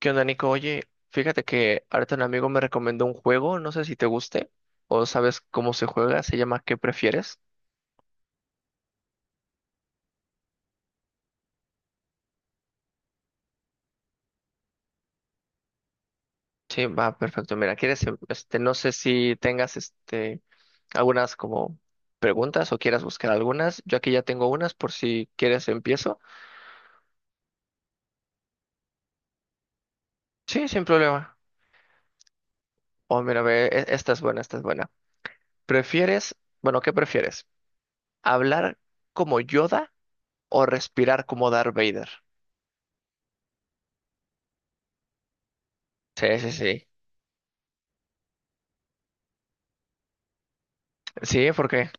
¿Qué onda, Nico? Oye, fíjate que ahorita un amigo me recomendó un juego, no sé si te guste o sabes cómo se juega, se llama ¿Qué prefieres? Sí, va, perfecto. Mira, quieres, este, no sé si tengas, este, algunas como preguntas o quieras buscar algunas. Yo aquí ya tengo unas por si quieres empiezo. Sí, sin problema. Oh, mira, ve, esta es buena, esta es buena. ¿Prefieres, bueno, ¿qué prefieres? ¿Hablar como Yoda o respirar como Darth Vader? Sí, sí, sí. Sí, ¿por qué?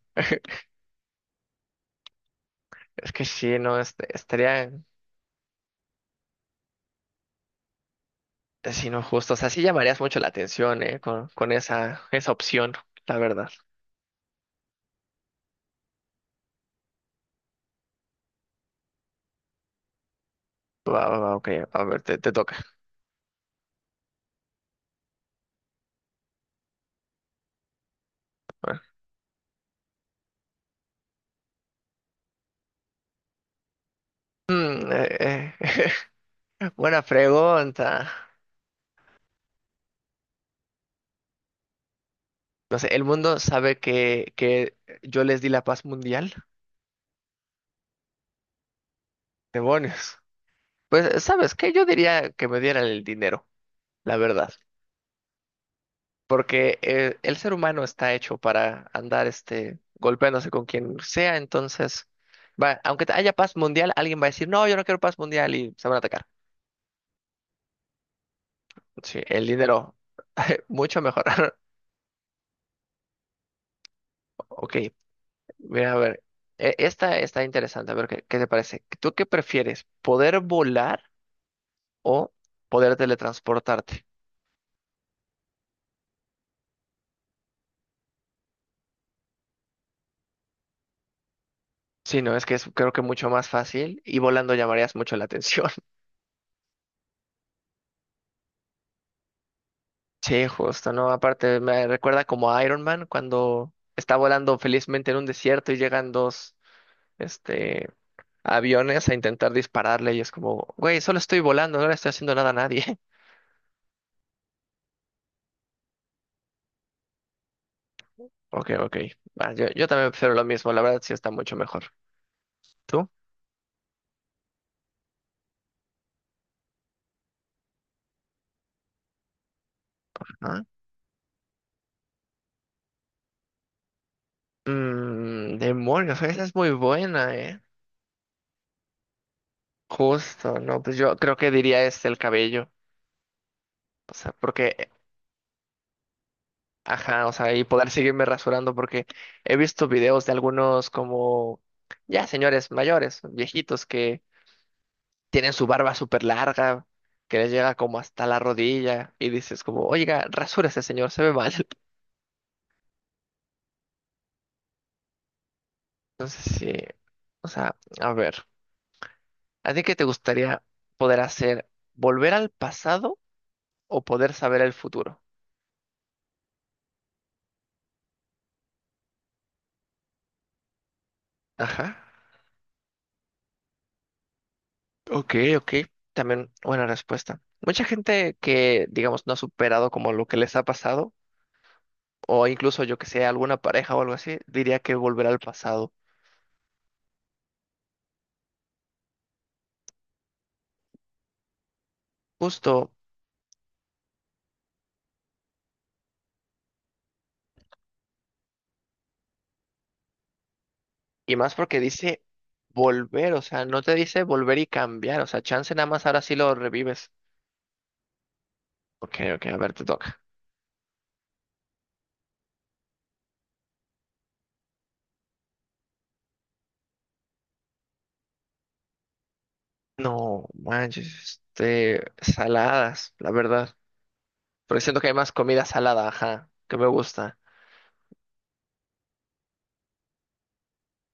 Es que sí, no, este, estaría, sino justo, o sea, sí llamarías mucho la atención, ¿eh? Con esa opción, la verdad. Va, va, va, ok, a ver, te toca. Va. Mm, eh, eh, Buena pregunta. No sé, ¿el mundo sabe que yo les di la paz mundial? Demonios. Pues, ¿sabes qué? Yo diría que me dieran el dinero, la verdad. Porque el ser humano está hecho para andar este, golpeándose con quien sea, entonces, va, aunque haya paz mundial, alguien va a decir, no, yo no quiero paz mundial y se van a atacar. Sí, el dinero, mucho mejor. Ok, mira, a ver, esta está interesante, a ver qué te parece. ¿Tú qué prefieres, poder volar o poder teletransportarte? Sí, no, es que es creo que mucho más fácil y volando llamarías mucho la atención. Sí, justo, ¿no? Aparte, me recuerda como a Iron Man cuando está volando felizmente en un desierto y llegan dos, este, aviones a intentar dispararle y es como, güey, solo estoy volando, no le estoy haciendo nada a nadie. Ok, ok. Va, yo también prefiero lo mismo, la verdad sí está mucho mejor. ¿Tú? ¿Ah? Demonios, esa es muy buena, ¿eh? Justo, ¿no? Pues yo creo que diría es el cabello. O sea, porque ajá, o sea, y poder seguirme rasurando porque he visto videos de algunos como ya señores mayores, viejitos que tienen su barba súper larga, que les llega como hasta la rodilla y dices como, oiga, rasúrese señor, se ve mal. Entonces sí, o sea, a ver, ¿a ti qué te gustaría poder hacer? ¿Volver al pasado o poder saber el futuro? Ajá. Ok, ok, también buena respuesta. Mucha gente que, digamos, no ha superado como lo que les ha pasado o incluso yo que sé, alguna pareja o algo así, diría que volver al pasado. Justo, y más porque dice volver, o sea, no te dice volver y cambiar, o sea, chance nada más ahora sí lo revives. Ok, ok, a ver, te toca. No, manches, saladas, la verdad. Porque siento que hay más comida salada, ajá, que me gusta.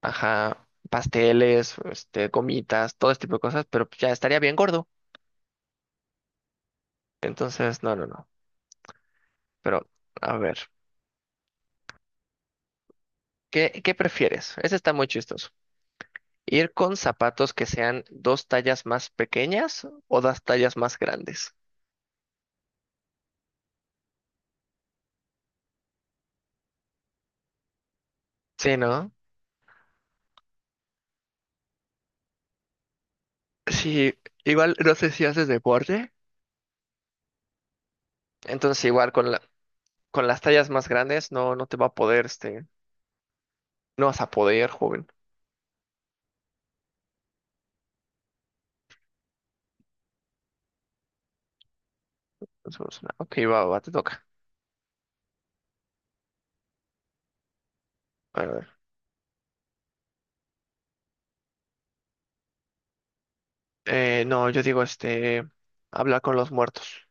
Ajá, pasteles, gomitas, todo este tipo de cosas, pero ya estaría bien gordo. Entonces, no, no, no. Pero, a ver, ¿qué prefieres? Ese está muy chistoso. Ir con zapatos que sean dos tallas más pequeñas o dos tallas más grandes. Sí, ¿no? Sí, igual no sé si haces deporte. Entonces igual con las tallas más grandes no, no te va a poder, no vas a poder, joven. Entonces, no, ok, va, va, te toca. A ver. No, yo digo, hablar con los muertos.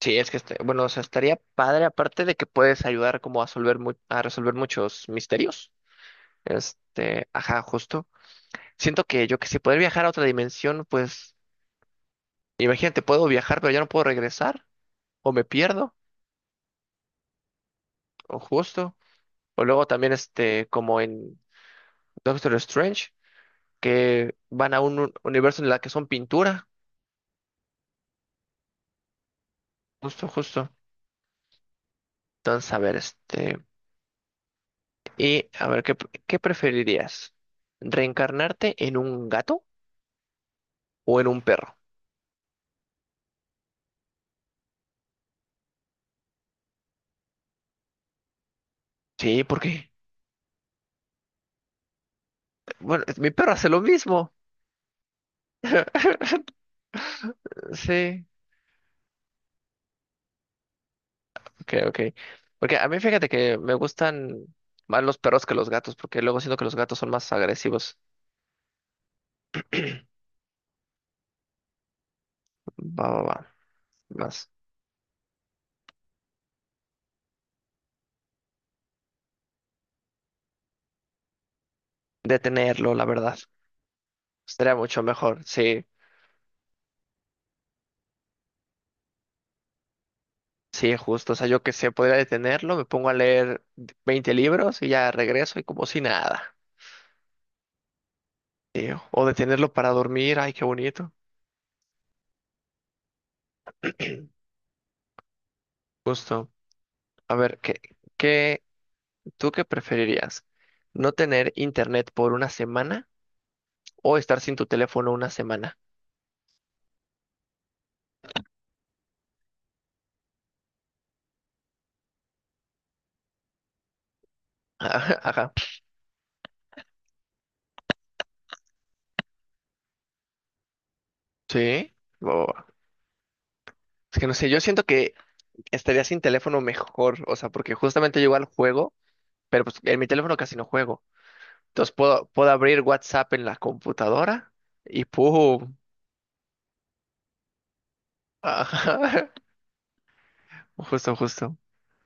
Sí, es que, bueno, o sea, estaría padre, aparte de que puedes ayudar como a resolver, a resolver muchos misterios. Ajá, justo. Siento que yo que si poder viajar a otra dimensión, pues imagínate, puedo viajar, pero ya no puedo regresar, o me pierdo, o justo, o luego también como en Doctor Strange, que van a un universo en la que son pintura, justo, justo. Entonces, a ver, y a ver, ¿qué, preferirías? ¿Reencarnarte en un gato o en un perro? Sí, porque, bueno, mi perro hace lo mismo. Sí. Ok, ok. Porque a mí fíjate que me gustan más los perros que los gatos, porque luego siento que los gatos son más agresivos. Va, va, va. Más detenerlo, la verdad. Estaría mucho mejor. Sí, sí, justo. O sea, yo que sé, podría detenerlo, me pongo a leer 20 libros y ya regreso y como si nada. Sí, o detenerlo para dormir. Ay, qué bonito. Justo. A ver, qué, tú qué preferirías? ¿No tener internet por una semana o estar sin tu teléfono una semana? Ajá. Sí, o- es que no sé, yo siento que estaría sin teléfono mejor, o sea, porque justamente yo igual juego, pero pues en mi teléfono casi no juego. Entonces puedo abrir WhatsApp en la computadora y ¡pum! Ajá. Justo, justo.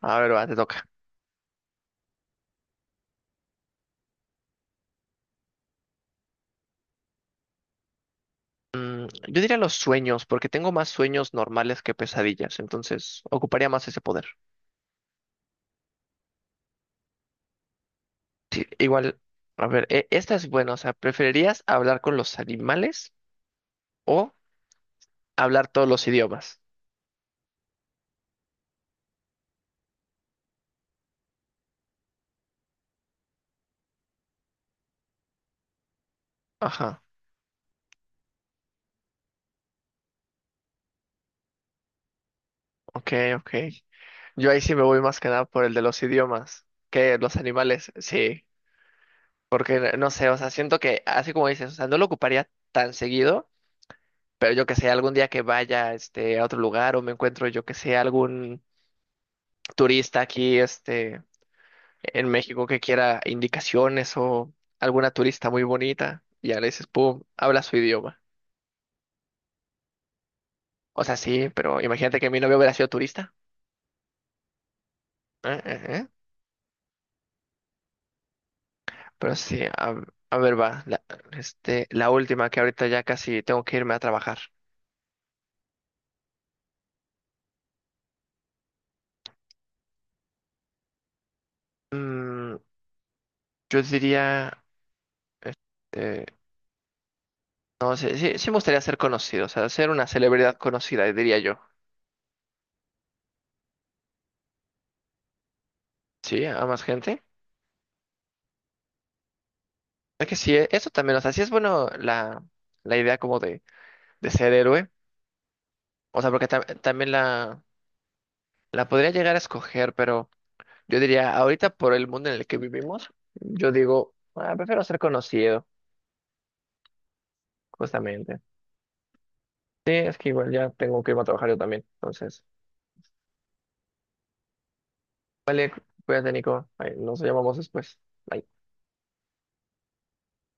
A ver, va, te toca. Yo diría los sueños, porque tengo más sueños normales que pesadillas, entonces ocuparía más ese poder. Sí, igual, a ver, esta es buena, o sea, ¿preferirías hablar con los animales o hablar todos los idiomas? Ajá, ok, ok. Yo ahí sí me voy más que nada por el de los idiomas, que los animales, sí, porque no sé, o sea, siento que así como dices, o sea, no lo ocuparía tan seguido, pero yo que sé, algún día que vaya a otro lugar o me encuentro yo que sé algún turista aquí en México que quiera indicaciones o alguna turista muy bonita y ya le dices, pum, habla su idioma. O sea, sí, pero imagínate que mi novio hubiera sido turista. ¿Eh? Pero sí, a ver, va, la última que ahorita ya casi tengo que irme a trabajar. Mm, yo diría, este, no sé, sí, sí me gustaría ser conocido, o sea, ser una celebridad conocida, diría yo. Sí, a más gente. Es que sí, eso también, o sea, sí es bueno la idea como de ser héroe, o sea, porque también la podría llegar a escoger, pero yo diría, ahorita por el mundo en el que vivimos, yo digo, ah, prefiero ser conocido, justamente. Sí, es que igual ya tengo que irme a trabajar yo también. Entonces, cuídate, Nico. Ahí nos llamamos después. Bye.